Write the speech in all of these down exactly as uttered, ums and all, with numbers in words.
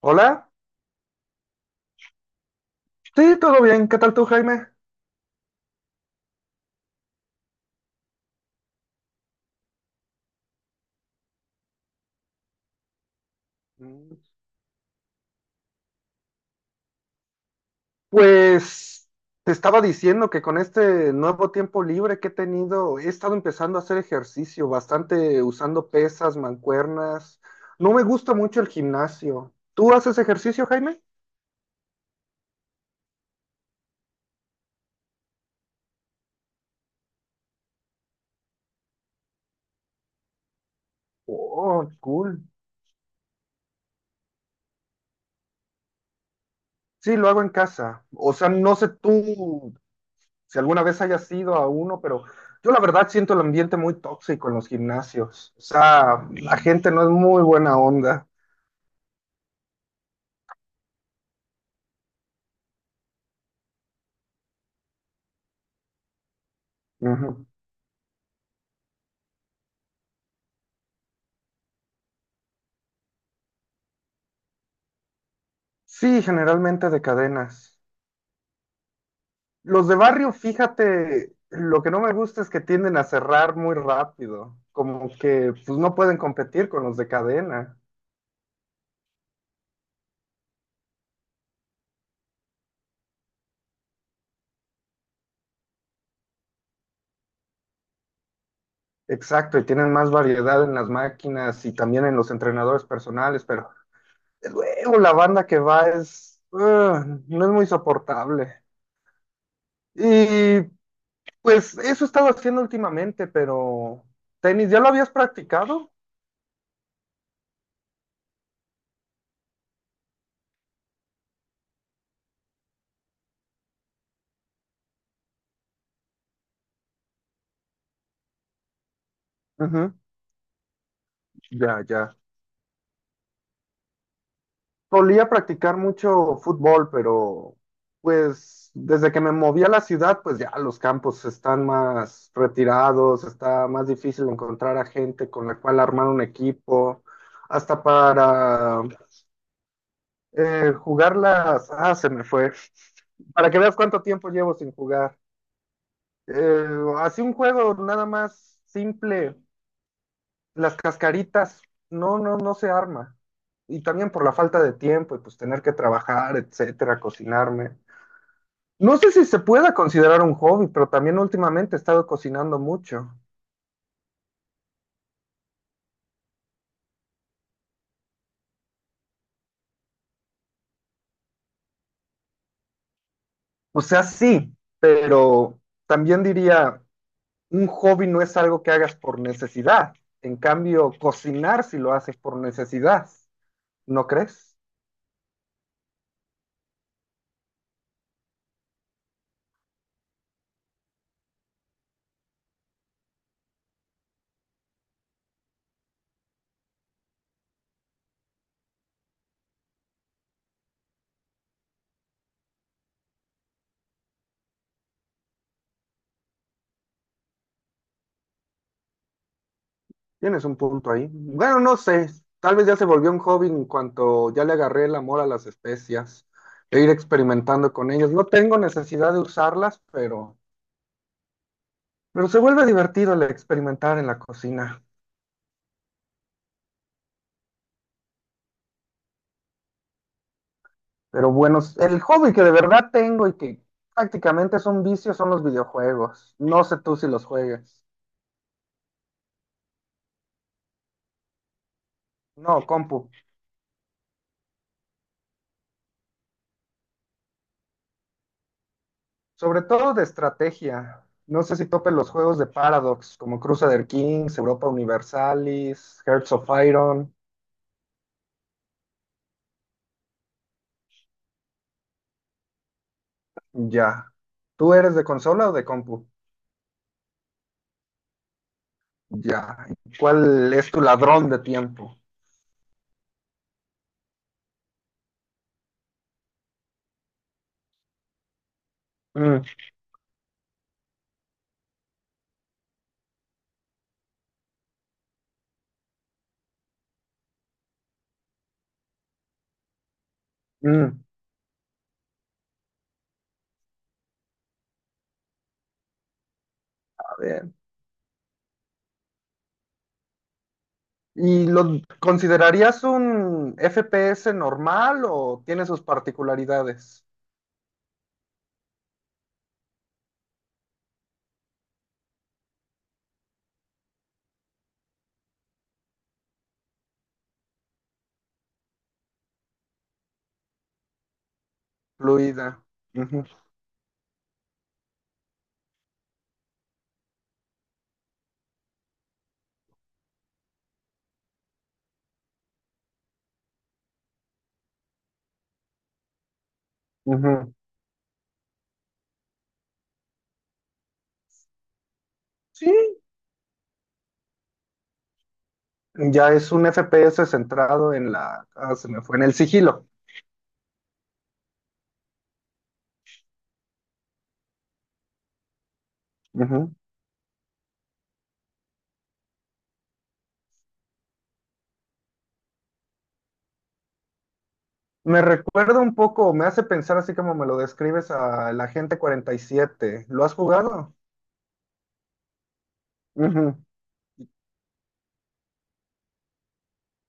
Hola, sí, todo bien. ¿Qué tal tú, Jaime? Mm, Pues te estaba diciendo que con este nuevo tiempo libre que he tenido, he estado empezando a hacer ejercicio bastante usando pesas, mancuernas. No me gusta mucho el gimnasio. ¿Tú haces ejercicio, Jaime? Oh, cool. Sí, lo hago en casa. O sea, no sé tú si alguna vez hayas ido a uno, pero yo la verdad siento el ambiente muy tóxico en los gimnasios. O sea, la gente no es muy buena onda. Ujú. Sí, generalmente de cadenas. Los de barrio, fíjate, lo que no me gusta es que tienden a cerrar muy rápido, como que pues no pueden competir con los de cadena. Exacto, y tienen más variedad en las máquinas y también en los entrenadores personales, pero luego la banda que va es, ugh, no es muy soportable. Y pues eso he estado haciendo últimamente, pero tenis, ¿ya lo habías practicado? Ujú. Ya, ya. Solía practicar mucho fútbol, pero pues desde que me moví a la ciudad, pues ya los campos están más retirados, está más difícil encontrar a gente con la cual armar un equipo, hasta para eh, jugar las... Ah, se me fue. Para que veas cuánto tiempo llevo sin jugar. Eh, Así un juego nada más simple. Las cascaritas, no, no, no se arma. Y también por la falta de tiempo y pues tener que trabajar, etcétera, cocinarme. No sé si se pueda considerar un hobby, pero también últimamente he estado cocinando mucho. O sea, sí, pero también diría, un hobby no es algo que hagas por necesidad. En cambio, cocinar si lo haces por necesidad, ¿no crees? Tienes un punto ahí. Bueno, no sé, tal vez ya se volvió un hobby en cuanto ya le agarré el amor a las especias e ir experimentando con ellas. No tengo necesidad de usarlas, pero, pero se vuelve divertido el experimentar en la cocina. Pero bueno, el hobby que de verdad tengo y que prácticamente es un vicio son los videojuegos. No sé tú si los juegas. No, compu. Sobre todo de estrategia. No sé si topes los juegos de Paradox, como Crusader Kings, Europa Universalis, Hearts of Iron. Ya. ¿Tú eres de consola o de compu? Ya. ¿Cuál es tu ladrón de tiempo? Mm. Mm. A ver. ¿Y lo considerarías un F P S normal o tiene sus particularidades? Fluida. Ujú, ujú. Sí, ya es un F P S centrado en la... ah, se me fue, en el sigilo. Ujú. Me recuerda un poco, me hace pensar así como me lo describes a la Agente Cuarenta y Siete. ¿Lo has jugado? Ujú.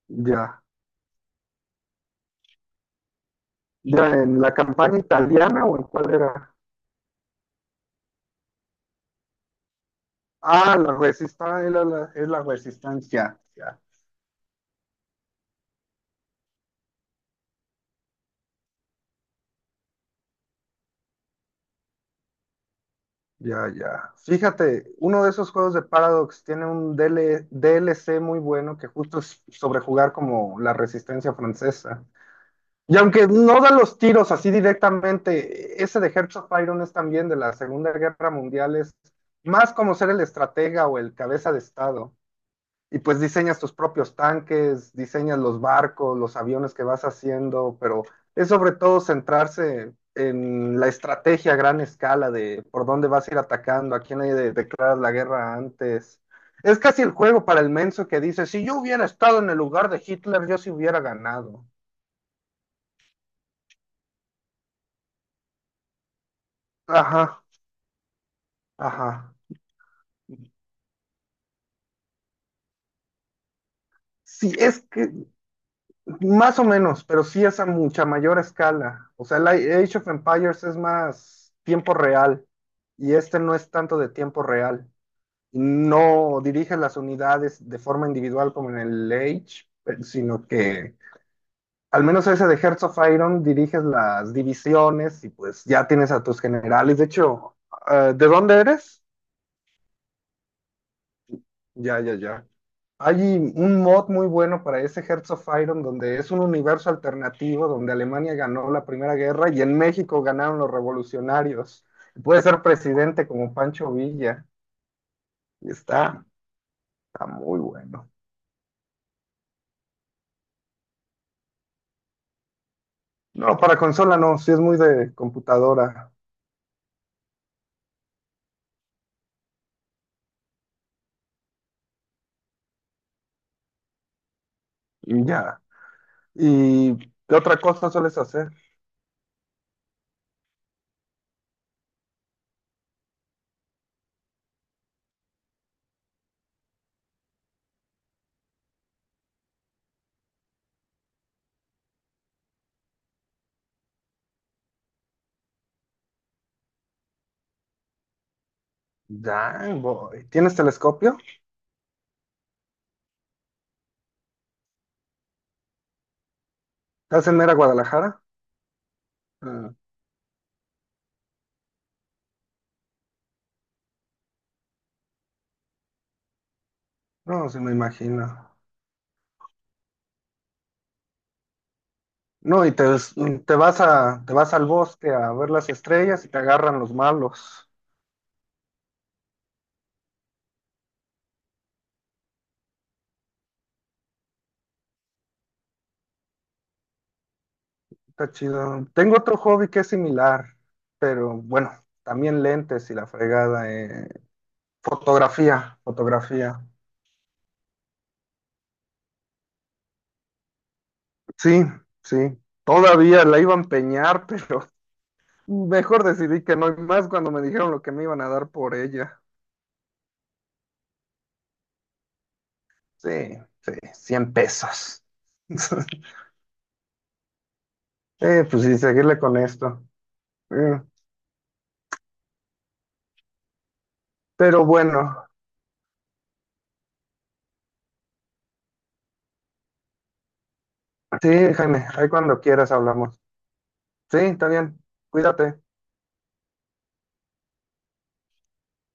Ya. Ya, ¿en la campaña italiana o en cuál era? Ah, la resistencia, es la, la- es la resistencia. Ya, ya, ya. Fíjate, uno de esos juegos de Paradox tiene un DL D L C muy bueno que justo es sobre jugar como la resistencia francesa. Y aunque no da los tiros así directamente, ese de Hearts of Iron es también de la Segunda Guerra Mundial, es más como ser el estratega o el cabeza de Estado. Y pues diseñas tus propios tanques, diseñas los barcos, los aviones que vas haciendo, pero es sobre todo centrarse en la estrategia a gran escala de por dónde vas a ir atacando, a quién le declaras la guerra antes. Es casi el juego para el menso que dice, si yo hubiera estado en el lugar de Hitler, yo sí hubiera ganado. Ajá, ajá. Sí, es que más o menos, pero sí es a mucha mayor escala. O sea, el Age of Empires es más tiempo real y este no es tanto de tiempo real. No dirige las unidades de forma individual como en el Age, eh, sino que al menos ese de Hearts of Iron diriges las divisiones y pues ya tienes a tus generales. De hecho, eh, ¿de dónde eres? Ya, ya, ya. Hay un mod muy bueno para ese Hearts of Iron, donde es un universo alternativo, donde Alemania ganó la Primera Guerra y en México ganaron los revolucionarios. Puede ser presidente como Pancho Villa. Y está, está muy bueno. No, para consola no, sí es muy de computadora. Y ya. ¿Y qué otra cosa sueles hacer? Ya, voy. ¿Tienes telescopio? ¿Estás en Mera Guadalajara? Ah, no, sí me imagino. No, y te, te vas a, te vas al bosque a ver las estrellas y te agarran los malos. Está chido. Tengo otro hobby que es similar, pero bueno, también lentes y la fregada. eh, Fotografía, fotografía. Sí, sí. Todavía la iba a empeñar, pero mejor decidí que no, y más cuando me dijeron lo que me iban a dar por ella. Sí, sí, cien pesos. Eh, pues sí, seguirle con esto. Eh, pero bueno. Sí, Jaime, ahí cuando quieras hablamos. Sí, está bien. Cuídate.